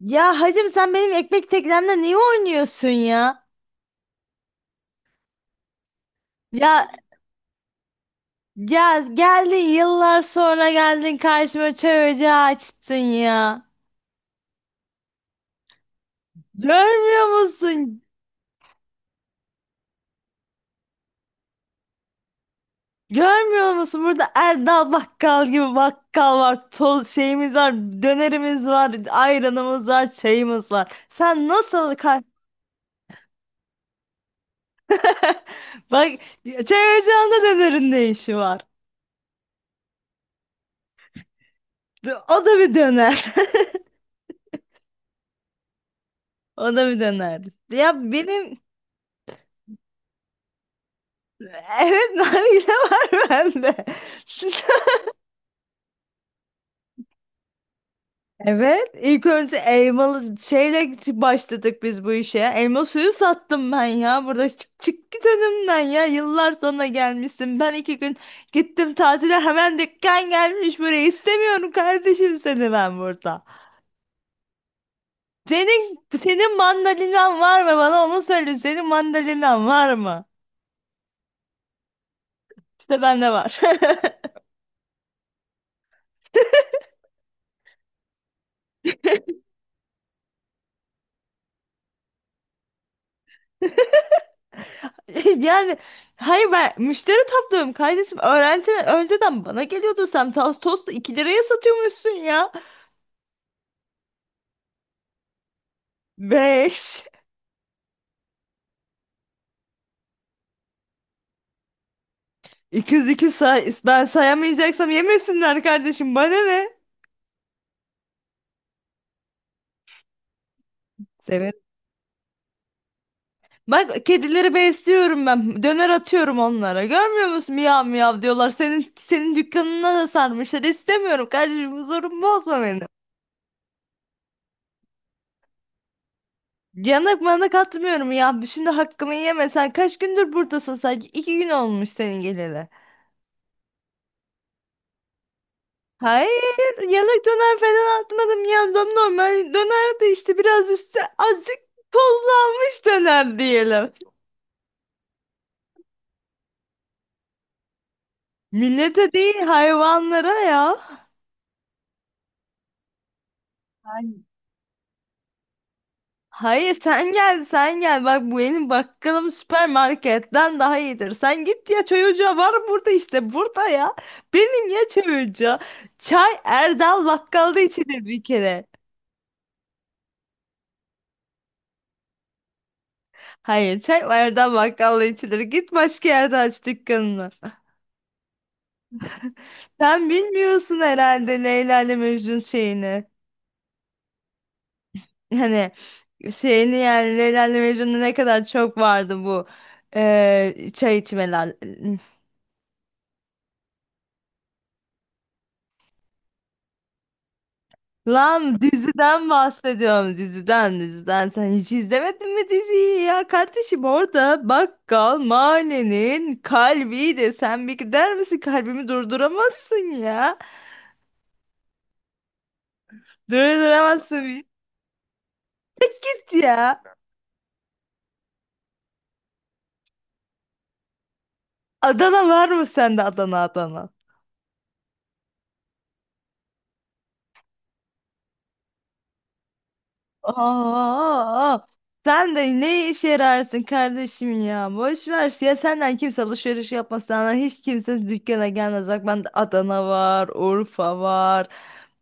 Ya hacım sen benim ekmek teknemle niye oynuyorsun ya? Ya ya geldin yıllar sonra geldin karşıma çay ocağı açtın ya. Görmüyor musun? Görmüyor musun? Burada Erdal Bakkal gibi bakkal var. Tol şeyimiz var, dönerimiz var, ayranımız var, çayımız var. Sen nasıl kar- Bak çay ocağında dönerin ne işi var? O da bir döner. O da bir döner. Ya benim. Evet, nargile var bende. Evet, ilk önce elmalı şeyle başladık biz bu işe. Elma suyu sattım ben ya burada çık git önümden ya, yıllar sonra gelmişsin. Ben iki gün gittim tatile, hemen dükkan gelmiş buraya. İstemiyorum kardeşim seni ben burada. Senin mandalinan var mı, bana onu söyle, senin mandalinan var mı? İşte bende var. Yani hayır, ben müşteri topluyorum kardeşim. Öğrenci önceden bana geliyordu. Sen tostu 2 liraya satıyormuşsun ya. Beş. 200, iki say. Ben sayamayacaksam yemesinler kardeşim. Bana ne? Evet. Bak kedileri besliyorum ben. Döner atıyorum onlara. Görmüyor musun? Miyav miyav diyorlar. Senin dükkanına da sarmışlar. İstemiyorum kardeşim. Huzurumu bozma benim. Yanak manak atmıyorum ya. Şimdi hakkımı yeme. Sen kaç gündür buradasın sanki? 2 gün olmuş senin geleli. Hayır, yanak döner falan atmadım, yandım, normal dönerdi işte, biraz üstü azıcık tozlanmış döner diyelim. Millete değil, hayvanlara ya. Ben- Hayır sen gel, sen gel bak, bu benim bakkalım süpermarketten daha iyidir. Sen git ya, çay ocağı var burada, işte burada ya. Benim ya çay ocağı. Çay Erdal bakkalda içilir bir kere. Hayır, çay Erdal bakkalda içilir. Git başka yerde aç dükkanını. Sen bilmiyorsun herhalde Leyla ile Mecnun şeyini. Hani şeyini yani, Leyla ile Mecnun'da ne kadar çok vardı bu çay içmeler. Lan diziden bahsediyorum, diziden, diziden. Sen hiç izlemedin mi diziyi ya kardeşim, orada bakkal mahallenin kalbiydi. Sen bir gider misin, kalbimi durduramazsın ya. Durduramazsın, bir git ya. Adana var mı sende, Adana, Adana? Aa, sen de ne işe yararsın kardeşim ya? Boş ver. Ya senden kimse alışveriş yapmaz. Senden hiç kimse dükkana gelmez. Bak bende Adana var, Urfa var.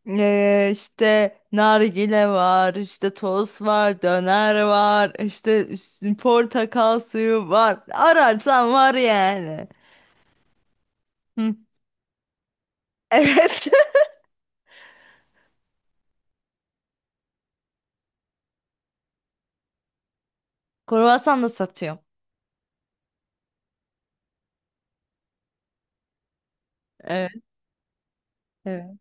İşte nargile var, işte toz var, döner var, işte üst- portakal suyu var. Ararsan var yani. Hı. Evet. Kruvasan da satıyorum. Evet. Evet.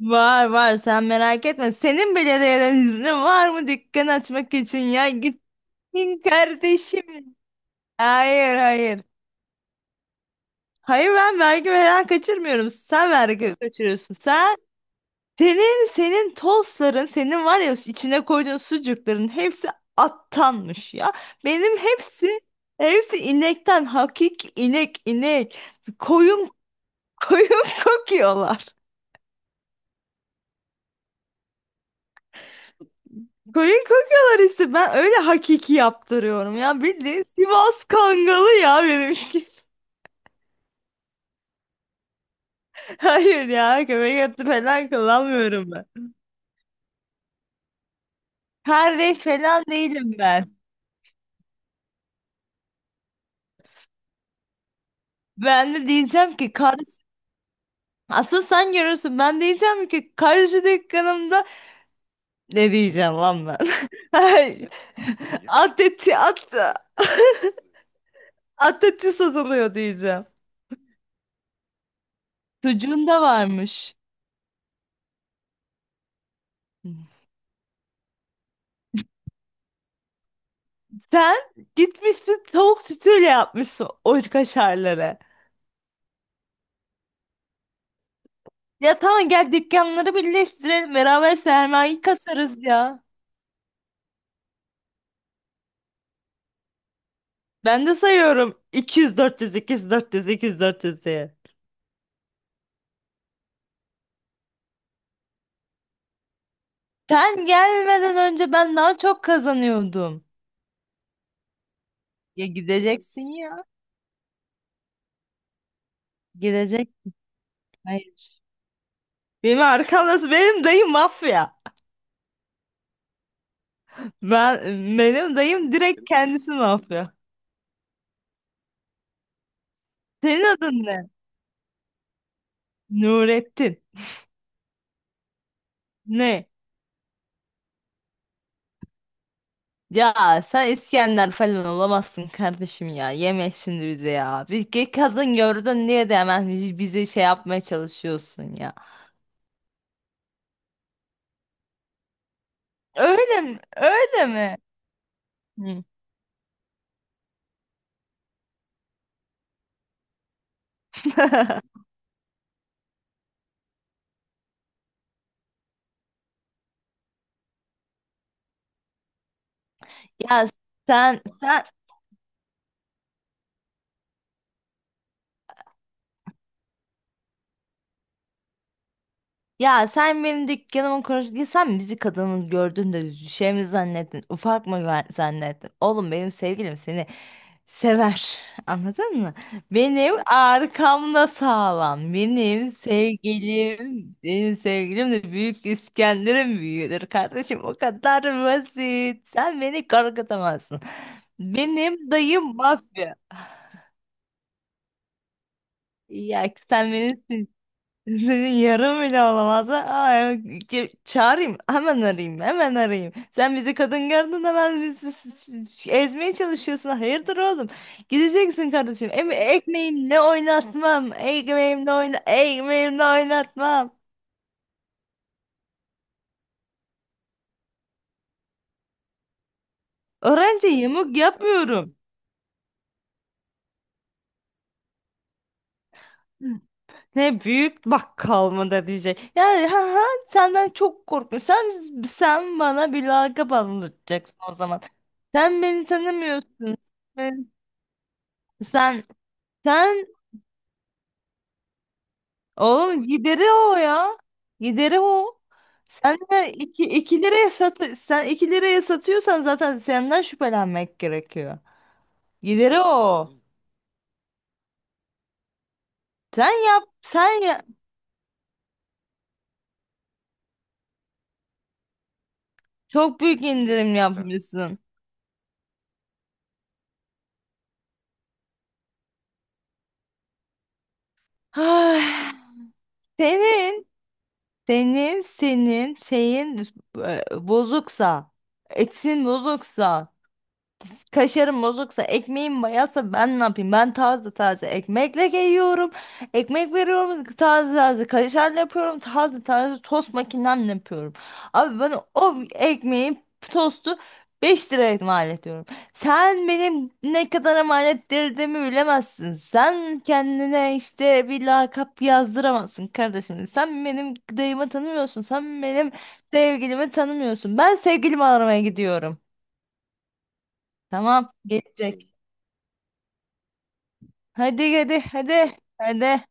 Var var, sen merak etme. Senin belediyeden iznin var mı dükkan açmak için ya? Gittin kardeşim. Hayır, hayır. Hayır, ben vergi veren kaçırmıyorum. Sen vergi kaçırıyorsun. Senin tostların, senin var ya, içine koyduğun sucukların hepsi attanmış ya. Benim hepsi inekten, inek inek koyun koyun kokuyorlar. Koyun kokuyorlar işte. Ben öyle hakiki yaptırıyorum ya. Bildiğin Sivas Kangalı ya benimki. Hayır ya, köpek eti falan kullanmıyorum ben. Kardeş falan değilim ben. Ben de diyeceğim ki kardeş. Asıl sen görürsün. Ben diyeceğim ki karşı dükkanımda, ne diyeceğim lan ben? Ay, ateti eti at. At satılıyor diyeceğim. Sucuğun da varmış. Sen gitmişsin tavuk sütüyle yapmışsın o kaşarları. Ya tamam, gel dükkanları birleştirelim, beraber sermayeyi kasarız ya. Ben de sayıyorum 200 400 200 400 200 400 diye. Sen gelmeden önce ben daha çok kazanıyordum. Ya gideceksin ya. Gidecek. Hayır. Benim arkamda benim dayım mafya. Ben benim dayım direkt kendisi mafya. Senin adın ne? Nurettin. Ne? Ya sen İskender falan olamazsın kardeşim ya. Yeme şimdi bize ya. Bir ge- kadın gördün, niye de hemen bizi şey yapmaya çalışıyorsun ya. Öyle mi? Öyle mi? Hı. Ya sen sen sen benim dükkanımı konuştun. Sen bizi kadının gördün de şey mi zannettin? Ufak mı güven- zannettin? Oğlum benim sevgilim seni sever. Anladın mı? Benim arkamda sağlam. Benim sevgilim de Büyük İskender'in büyüğüdür kardeşim. O kadar basit. Sen beni korkutamazsın. Benim dayım mafya. Ya sen beni, senin yarım bile olamaz. Aa, ge- çağırayım. Hemen arayayım. Hemen arayayım. Sen bizi kadın gördün, hemen bizi ezmeye çalışıyorsun. Hayırdır oğlum? Gideceksin kardeşim. Em ekmeğimle oynatmam. Ekmeğimle oynatmam. Öğrenci yamuk yapmıyorum. Ne, büyük bakkal mı da diyecek? Yani ha, ha, senden çok korkmuyorum. Sen bana bir lakap anlatacaksın o zaman. Sen beni tanımıyorsun. Ben- Sen Sen oğlum, gideri o ya. Gideri o. Sen de iki liraya sat, sen 2 liraya satıyorsan zaten senden şüphelenmek gerekiyor. Gideri o. Sen yap sen ya, çok büyük indirim yapmışsın. Ay, senin senin şeyin, bozuksa, etin bozuksa, kaşarım bozuksa, ekmeğim bayatsa ben ne yapayım? Ben taze taze ekmekle yiyorum. Ekmek veriyorum, taze taze kaşarla yapıyorum, taze taze tost makinemle yapıyorum. Abi ben o ekmeği, tostu 5 liraya mal ediyorum. Sen benim ne kadar mal ettirdiğimi bilemezsin. Sen kendine işte bir lakap yazdıramazsın kardeşim. Sen benim dayımı tanımıyorsun. Sen benim sevgilimi tanımıyorsun. Ben sevgilimi aramaya gidiyorum. Tamam, gelecek. Hadi hadi hadi. Hadi.